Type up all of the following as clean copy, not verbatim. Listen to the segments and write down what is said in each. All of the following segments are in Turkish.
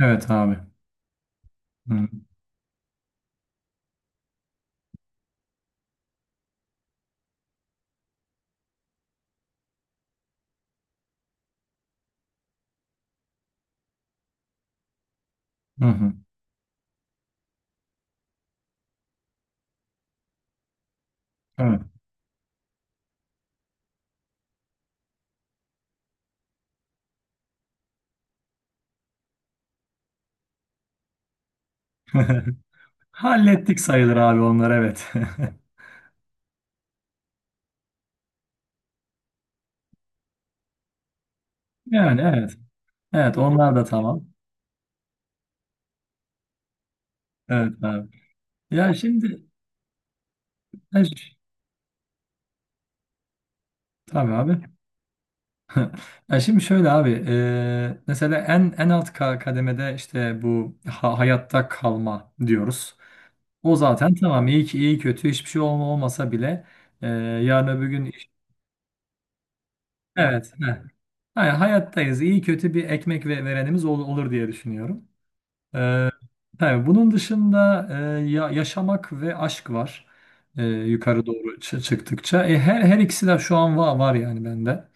Evet abi. Hı hı. Hı. Evet. Hallettik sayılır abi, onlar evet. Yani evet. Evet, onlar da tamam. Evet abi. Ya şimdi ya ş- tabii abi. Ya şimdi şöyle abi, mesela en alt kademede işte bu hayatta kalma diyoruz. O zaten tamam, iyi ki iyi kötü hiçbir şey olmasa bile, yarın öbür gün evet, heh. Hayır, hayattayız, iyi kötü bir ekmek ve verenimiz olur diye düşünüyorum. Ee, tabii bunun dışında, yaşamak ve aşk var. Yukarı doğru çıktıkça. Her ikisi de şu an var yani bende.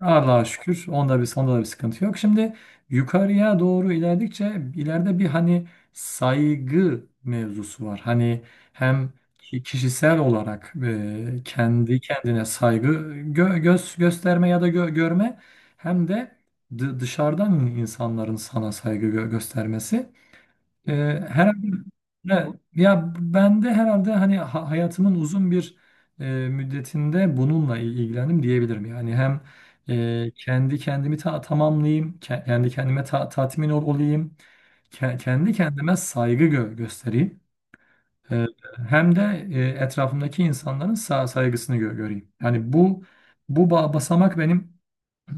Allah'a şükür. Onda bir, onda da bir sıkıntı yok. Şimdi yukarıya doğru ilerledikçe ileride bir, hani, saygı mevzusu var. Hani hem kişisel olarak, kendi kendine saygı göz gösterme ya da görme, hem de dışarıdan insanların sana saygı göstermesi. Ee, herhalde e, ya ben de herhalde, hani, hayatımın uzun bir e, müddetinde bununla ilgilendim diyebilirim. Yani hem kendi kendimi tamamlayayım, kendi kendime tatmin olayım, kendi kendime saygı göstereyim. E, hem de, etrafımdaki insanların saygısını göreyim. Yani bu basamak benim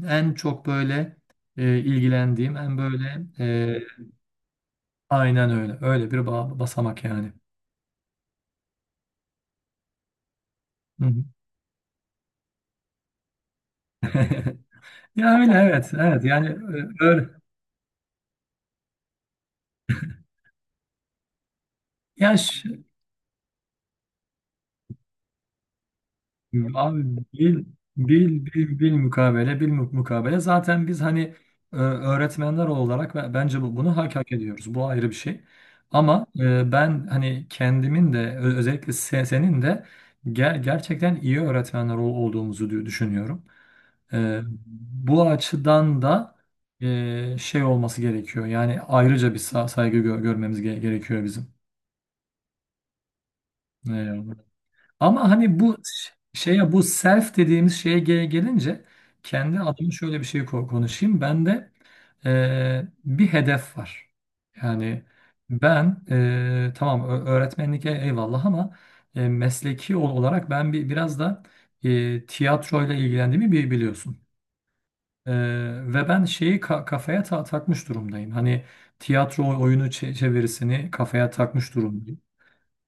en çok böyle ilgilendiğim, en böyle aynen öyle. Öyle bir basamak yani. Hı hı. Ya öyle, evet, evet, yani öyle, yaş abi, bil bil mukabele zaten biz, hani, öğretmenler olarak bence bunu hak ediyoruz, bu ayrı bir şey, ama ben, hani, kendimin de özellikle senin de gerçekten iyi öğretmenler olduğumuzu düşünüyorum. E, bu açıdan da, şey, olması gerekiyor yani, ayrıca bir saygı görmemiz gerekiyor bizim. E, Ama, hani, bu şeye, bu self dediğimiz şeye gelince kendi adıma şöyle bir şey konuşayım. Bende bir hedef var. Yani ben, tamam, öğretmenlik eyvallah, ama mesleki olarak ben biraz da tiyatroyla ilgilendiğimi biliyorsun. E, ve ben şeyi kafaya takmış durumdayım. Hani tiyatro oyunu çevirisini kafaya takmış durumdayım.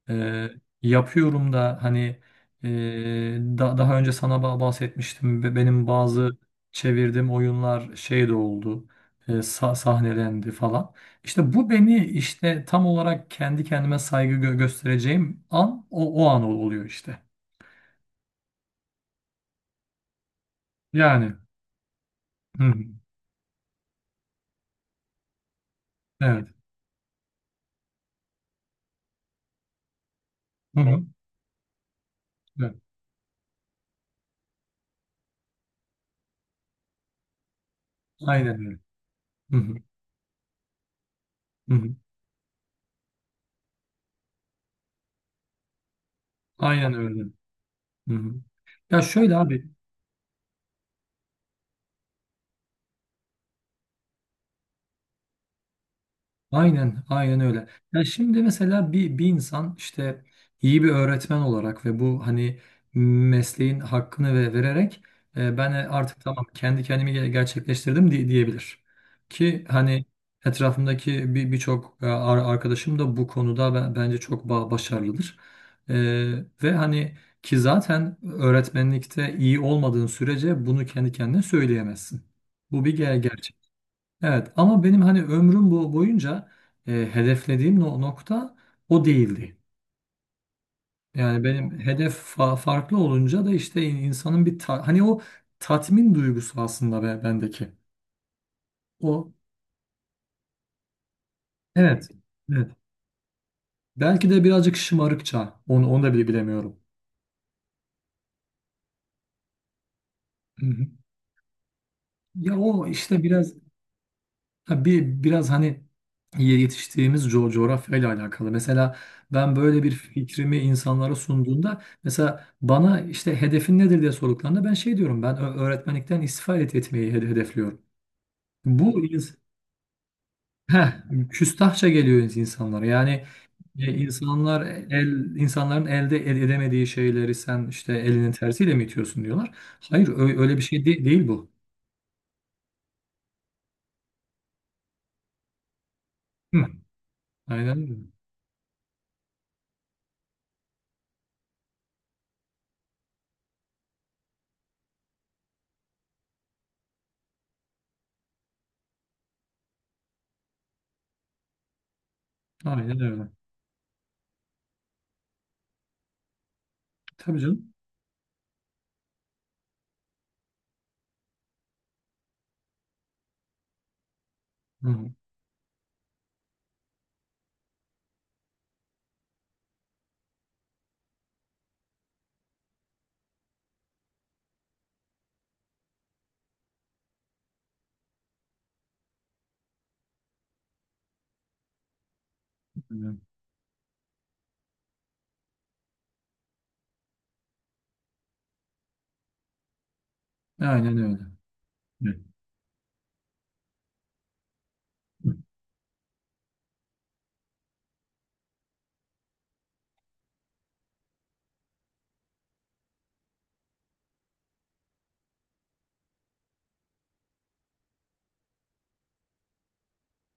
Eee, yapıyorum da, hani, daha önce sana bahsetmiştim ve benim bazı çevirdiğim oyunlar şey de oldu. Sahnelendi falan. İşte bu beni, işte, tam olarak kendi kendime saygı göstereceğim an, o an oluyor işte. Yani hı hı, evet. Hı hı, evet. Aynen öyle. Hı hı, hı hı. Aynen öyle. Hı hı. Ya şöyle abi. Aynen, aynen öyle. Ya şimdi mesela bir insan, işte, iyi bir öğretmen olarak ve bu, hani, mesleğin hakkını vererek, ben, artık, tamam, kendi kendimi gerçekleştirdim diyebilir. Ki, hani, etrafımdaki birçok arkadaşım da bu konuda bence çok başarılıdır. E, ve, hani, ki zaten öğretmenlikte iyi olmadığın sürece bunu kendi kendine söyleyemezsin. Bu bir gerçek. Evet, ama benim, hani, ömrüm bu boyunca hedeflediğim nokta o değildi. Yani benim hedef farklı olunca da, işte, insanın bir hani o tatmin duygusu aslında bendeki. O, evet. Evet. Belki de birazcık şımarıkça, onu da bile bilemiyorum. Hı hı. Ya o, işte, biraz. Ha, biraz, hani, yetiştiğimiz coğrafyayla alakalı. Mesela ben böyle bir fikrimi insanlara sunduğumda, mesela bana, işte, hedefin nedir diye sorduklarında ben şey diyorum, ben öğretmenlikten istifa etmeyi hedefliyorum. Bu ins- Heh, Küstahça geliyor insanlara. Yani insanlar, el insanların elde edemediği şeyleri sen, işte, elinin tersiyle mi itiyorsun diyorlar. Hayır, öyle bir şey değil bu. Hı. Aynen öyle. Aynen öyle. Tabii canım. Hı. Aynen öyle. Evet.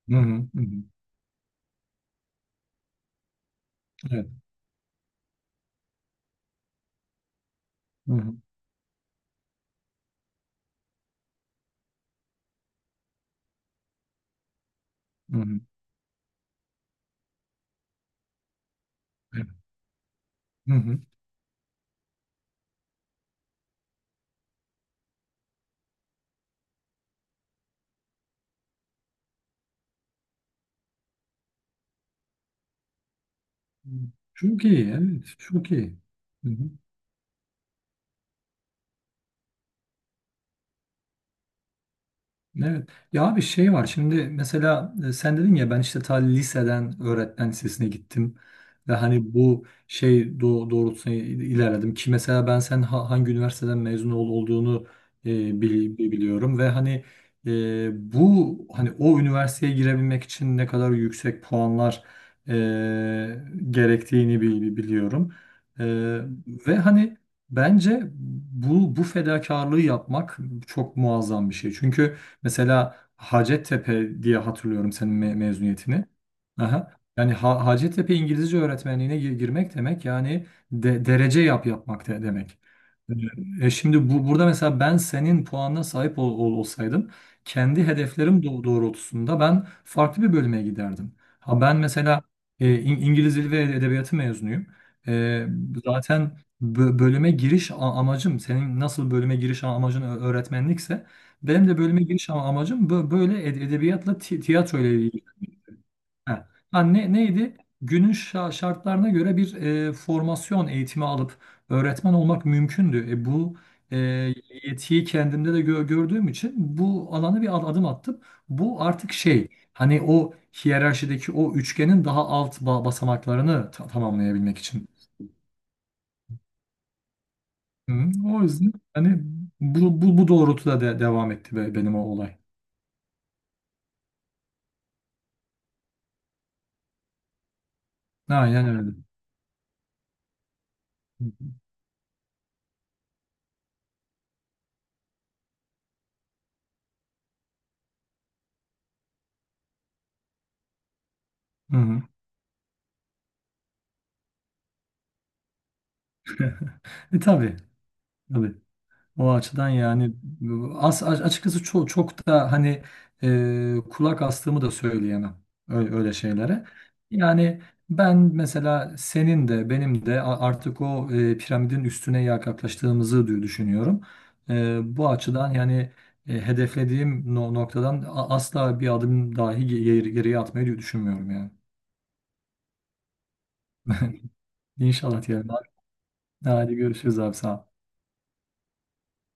Hı hı, hı hı. Evet. Hı hı, hı hı. Evet. Hı hı. Çok iyi, evet, çok iyi. Evet. Ya bir şey var. Şimdi mesela, sen dedin ya, ben, işte, ta liseden öğretmen lisesine gittim ve, hani, bu şey doğrultusunda ilerledim, ki mesela sen hangi üniversiteden mezun olduğunu e, biliyorum ve, hani, bu, hani, o üniversiteye girebilmek için ne kadar yüksek puanlar e, gerektiğini biliyorum. E, ve, hani, bence bu fedakarlığı yapmak çok muazzam bir şey. Çünkü, mesela, Hacettepe diye hatırlıyorum senin mezuniyetini. Aha. Yani Hacettepe İngilizce öğretmenliğine girmek demek yani, derece yapmak demek. Şimdi burada, mesela, ben senin puanına sahip olsaydım kendi hedeflerim doğrultusunda ben farklı bir bölüme giderdim. Ha, ben mesela İngiliz Dili ve Edebiyatı mezunuyum. E, zaten bölüme giriş amacım, senin nasıl bölüme giriş amacın öğretmenlikse, benim de bölüme giriş amacım böyle edebiyatla tiyatro ile ilgili. Ha. Ha, neydi? Günün şartlarına göre bir, formasyon eğitimi alıp öğretmen olmak mümkündü. Bu e, yetiyi kendimde de gördüğüm için bu alana bir adım attım. Bu artık şey, hani, o hiyerarşideki o üçgenin daha alt basamaklarını tamamlayabilmek için. Hı, o yüzden, hani, bu doğrultuda devam etti benim o olay. Aynen öyle. Hı hı. Hı hı. Tabii, tabii. O açıdan yani, açıkçası çok, çok da, hani, kulak astığımı da söyleyemem öyle, öyle şeylere. Yani ben mesela senin de benim de artık o, piramidin üstüne yaklaştığımızı düşünüyorum. Bu açıdan yani, hedeflediğim noktadan asla bir adım dahi geriye atmayı düşünmüyorum yani. İnşallah diyelim abi. Hadi görüşürüz abi, sağ ol.